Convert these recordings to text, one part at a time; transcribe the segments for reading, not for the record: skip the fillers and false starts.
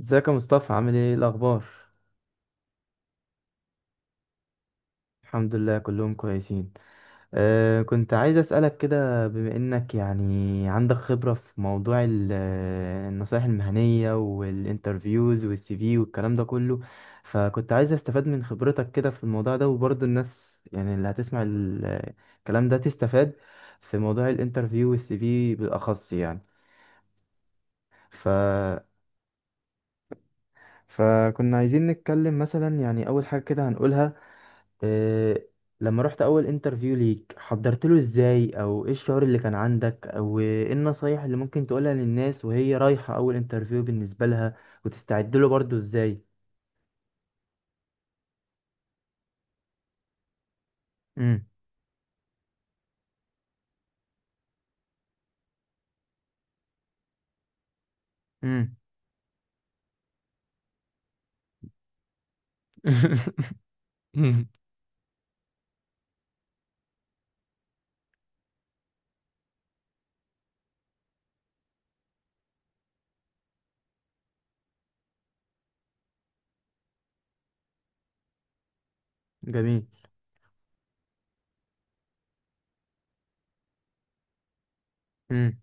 ازيك يا مصطفى؟ عامل ايه؟ إيه الاخبار؟ الحمد لله كلهم كويسين. كنت عايز اسالك كده بما انك يعني عندك خبره في موضوع النصائح المهنيه والانترفيوز والسي في والكلام ده كله. فكنت عايز استفاد من خبرتك كده في الموضوع ده، وبرضه الناس يعني اللي هتسمع الكلام ده تستفاد في موضوع الانترفيو والسي في بالاخص يعني. ف فكنا عايزين نتكلم مثلا يعني اول حاجه كده هنقولها إيه: لما رحت اول انترفيو ليك حضرت له ازاي، او ايه الشعور اللي كان عندك، او ايه النصايح اللي ممكن تقولها للناس وهي رايحة اول انترفيو بالنسبة لها، وتستعد له برضه ازاي؟ امم. امم. جميل. امم.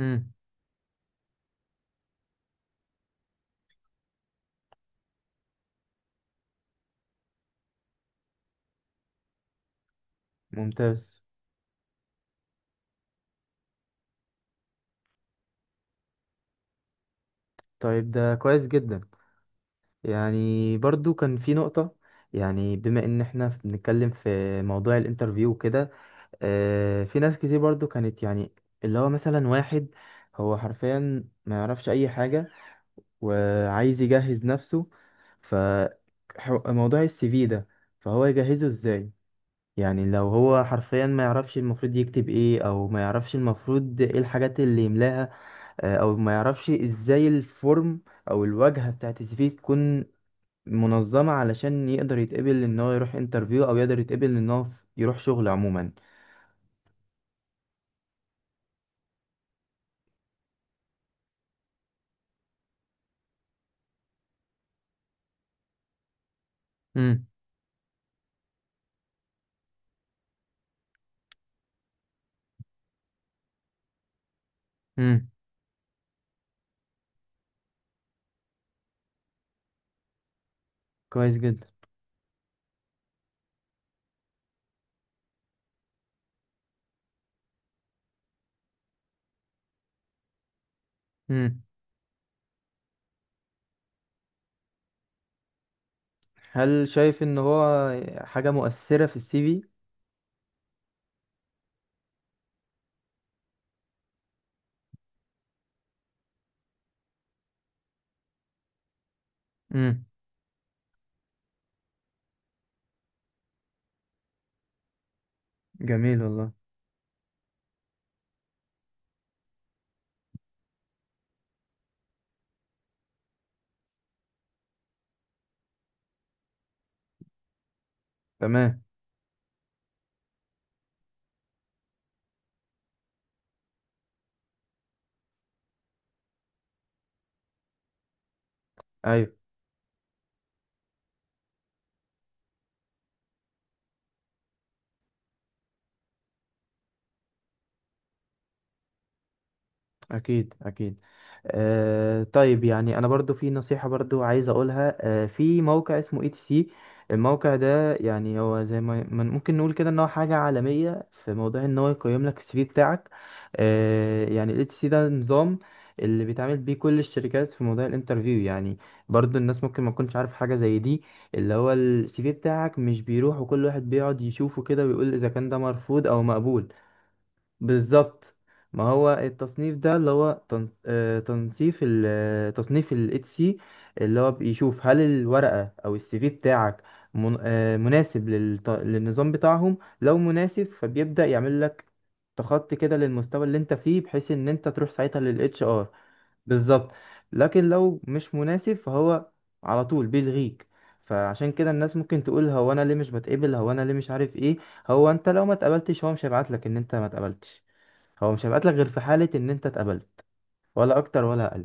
امم. ممتاز. طيب، ده كويس جدا. يعني برضو كان في نقطة، يعني بما ان احنا بنتكلم في موضوع الانترفيو كده، في ناس كتير برضو كانت يعني اللي هو مثلا واحد. هو حرفيا ما يعرفش اي حاجة وعايز يجهز نفسه. ف موضوع السي في ده، فهو يجهزه ازاي؟ يعني لو هو حرفيا ما يعرفش المفروض يكتب ايه، او ما يعرفش المفروض ايه الحاجات اللي يملاها، او ما يعرفش ازاي الفورم او الواجهة بتاعت السي في تكون منظمة، علشان يقدر يتقبل ان هو يروح انترفيو او يقدر يتقبل ان هو يروح شغل عموما. مم. كويس جدا. مم. هل شايف ان هو حاجة مؤثرة في السي في؟ امم. جميل والله. تمام. ايوه. أكيد أكيد. طيب، يعني أنا برضو في نصيحة برضو عايز أقولها. في موقع اسمه اي تي سي. الموقع ده يعني هو زي ما ممكن نقول كده إن هو حاجة عالمية في موضوع إن هو يقيم لك السي في بتاعك. يعني الاي تي سي ده نظام اللي بيتعامل بيه كل الشركات في موضوع الانترفيو يعني. برضو الناس ممكن ما تكونش عارف حاجة زي دي، اللي هو السي في بتاعك مش بيروح وكل واحد بيقعد يشوفه كده ويقول إذا كان ده مرفوض أو مقبول. بالظبط. ما هو التصنيف ده اللي هو تن- آه، تنصيف ال- آه، تصنيف ال HC، اللي هو بيشوف هل الورقة أو السي في بتاعك مناسب للنظام بتاعهم. لو مناسب، فبيبدأ يعمل لك تخطي كده للمستوى اللي انت فيه، بحيث ان انت تروح ساعتها لل HR. بالظبط. لكن لو مش مناسب، فهو على طول بيلغيك. فعشان كده الناس ممكن تقول: هو انا ليه مش بتقبل، هو انا ليه مش عارف ايه. هو انت لو ما اتقبلتش، هو مش هيبعت لك ان انت ما اتقبلتش. هو مش هيبعت لك غير في حالة ان انت اتقبلت، ولا اكتر ولا اقل.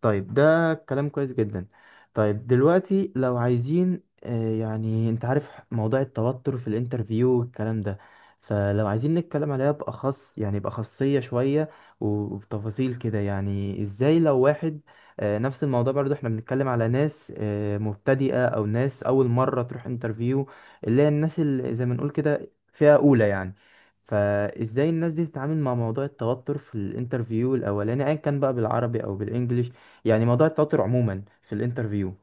طيب، ده كلام كويس جدا. طيب دلوقتي لو عايزين، يعني انت عارف موضوع التوتر في الانترفيو والكلام ده. فلو عايزين نتكلم عليها بأخص، يعني بأخصية شوية وبتفاصيل كده، يعني ازاي لو واحد، نفس الموضوع برضو احنا بنتكلم على ناس مبتدئة او ناس اول مرة تروح انترفيو. اللي هي الناس اللي زي ما نقول كده فئة اولى يعني. فازاي الناس دي تتعامل مع موضوع التوتر في الانترفيو الاولاني، ايا كان بقى بالعربي او بالانجليش، يعني موضوع التوتر عموما في الانترفيو؟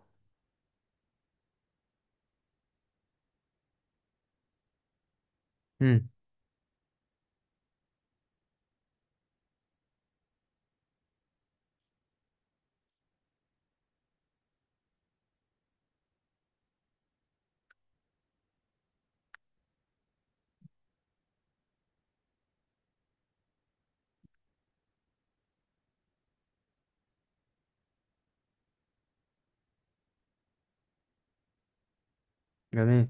امم. جميل.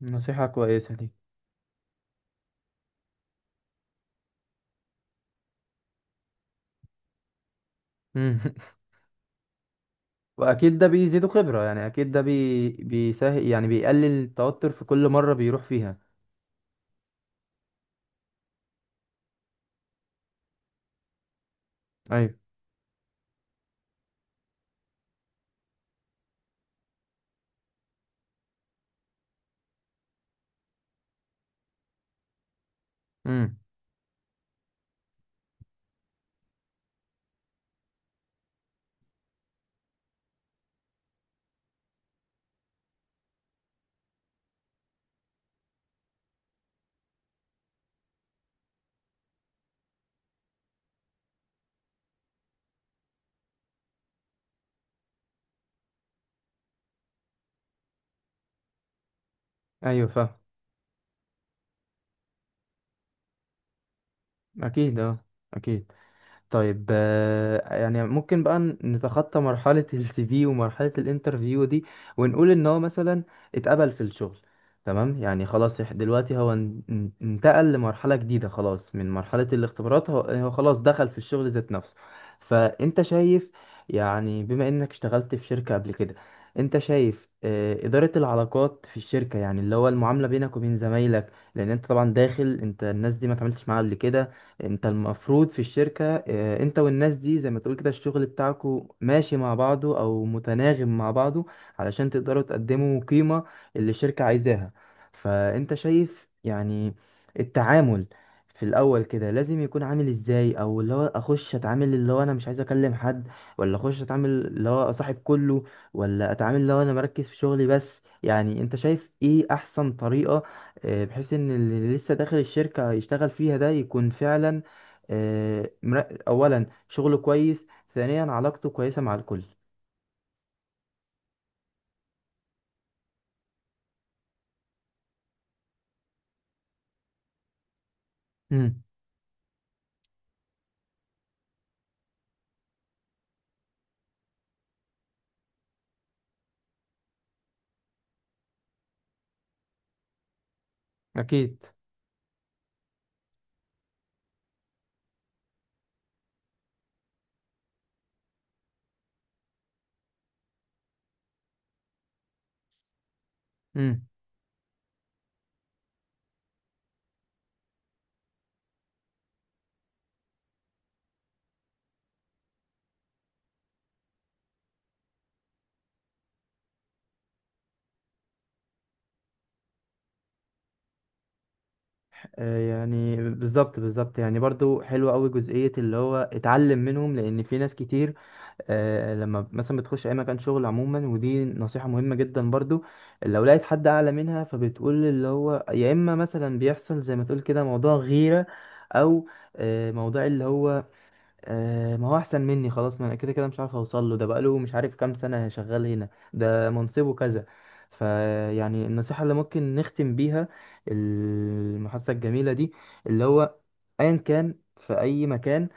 نصيحة كويسة دي. امم. واكيد ده بيزيده خبرة، يعني اكيد ده بيسهل، يعني بيقلل التوتر في كل مرة بيروح فيها. ايوه. امم. ايوه فاهم. اكيد اه اكيد. طيب، يعني ممكن بقى نتخطى مرحلة السي في ومرحلة الانترفيو دي ونقول ان هو مثلا اتقبل في الشغل. تمام، يعني خلاص. دلوقتي هو انتقل لمرحلة جديدة، خلاص من مرحلة الاختبارات، هو خلاص دخل في الشغل ذات نفسه. فانت شايف، يعني بما انك اشتغلت في شركة قبل كده، انت شايف إدارة العلاقات في الشركة، يعني اللي هو المعاملة بينك وبين زمايلك. لأن انت طبعا داخل، انت الناس دي ما اتعاملتش معاها قبل كده. انت المفروض في الشركة، انت والناس دي زي ما تقول كده الشغل بتاعكو ماشي مع بعضه او متناغم مع بعضه. علشان تقدروا تقدموا قيمة اللي الشركة عايزاها. فانت شايف يعني التعامل في الاول كده لازم يكون عامل ازاي، او اللي هو اخش اتعامل اللي هو انا مش عايز اكلم حد، ولا اخش اتعامل اللي هو اصاحب كله، ولا اتعامل اللي هو انا مركز في شغلي بس؟ يعني انت شايف ايه احسن طريقة، بحيث ان اللي لسه داخل الشركة يشتغل فيها ده يكون فعلا، اولا شغله كويس، ثانيا علاقته كويسة مع الكل. امم. اكيد. امم. يعني بالظبط بالظبط، يعني برضو حلوة قوي جزئية اللي هو اتعلم منهم، لان في ناس كتير لما مثلا بتخش اي مكان شغل عموما، ودي نصيحة مهمة جدا برضو. لو لقيت حد اعلى منها، فبتقول اللي هو: يا اما مثلا بيحصل زي ما تقول كده موضوع غيرة، او موضوع اللي هو ما هو احسن مني، خلاص ما انا كده كده مش عارف اوصل له، ده بقاله مش عارف كام سنة شغال هنا، ده منصبه كذا. فيعني النصيحة اللي ممكن نختم بيها المحادثة الجميلة دي اللي هو: ايا كان في اي مكان،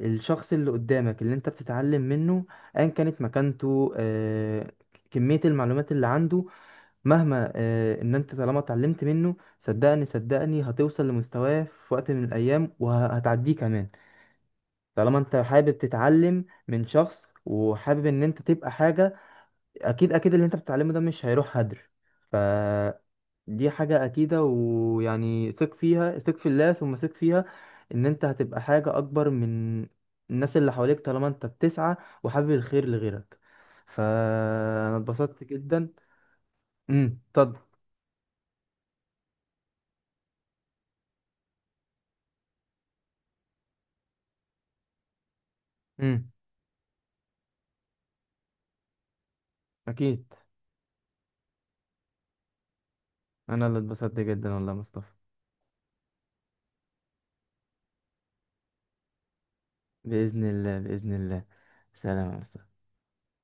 الشخص اللي قدامك اللي انت بتتعلم منه، ايا كانت مكانته، كمية المعلومات اللي عنده، مهما ان انت طالما اتعلمت منه، صدقني صدقني هتوصل لمستواه في وقت من الايام وهتعديه كمان. طالما انت حابب تتعلم من شخص وحابب ان انت تبقى حاجة، اكيد اكيد اللي انت بتتعلمه ده مش هيروح هدر. ف دي حاجة أكيدة، ويعني ثق فيها، ثق في الله ثم ثق فيها. إن أنت هتبقى حاجة أكبر من الناس اللي حواليك طالما أنت بتسعى وحابب الخير لغيرك. فأنا اتبسطت جدا. امم. اتفضل. امم. أكيد. أنا اللي اتبسطت جدا والله يا مصطفى. بإذن الله بإذن الله. سلام يا مصطفى.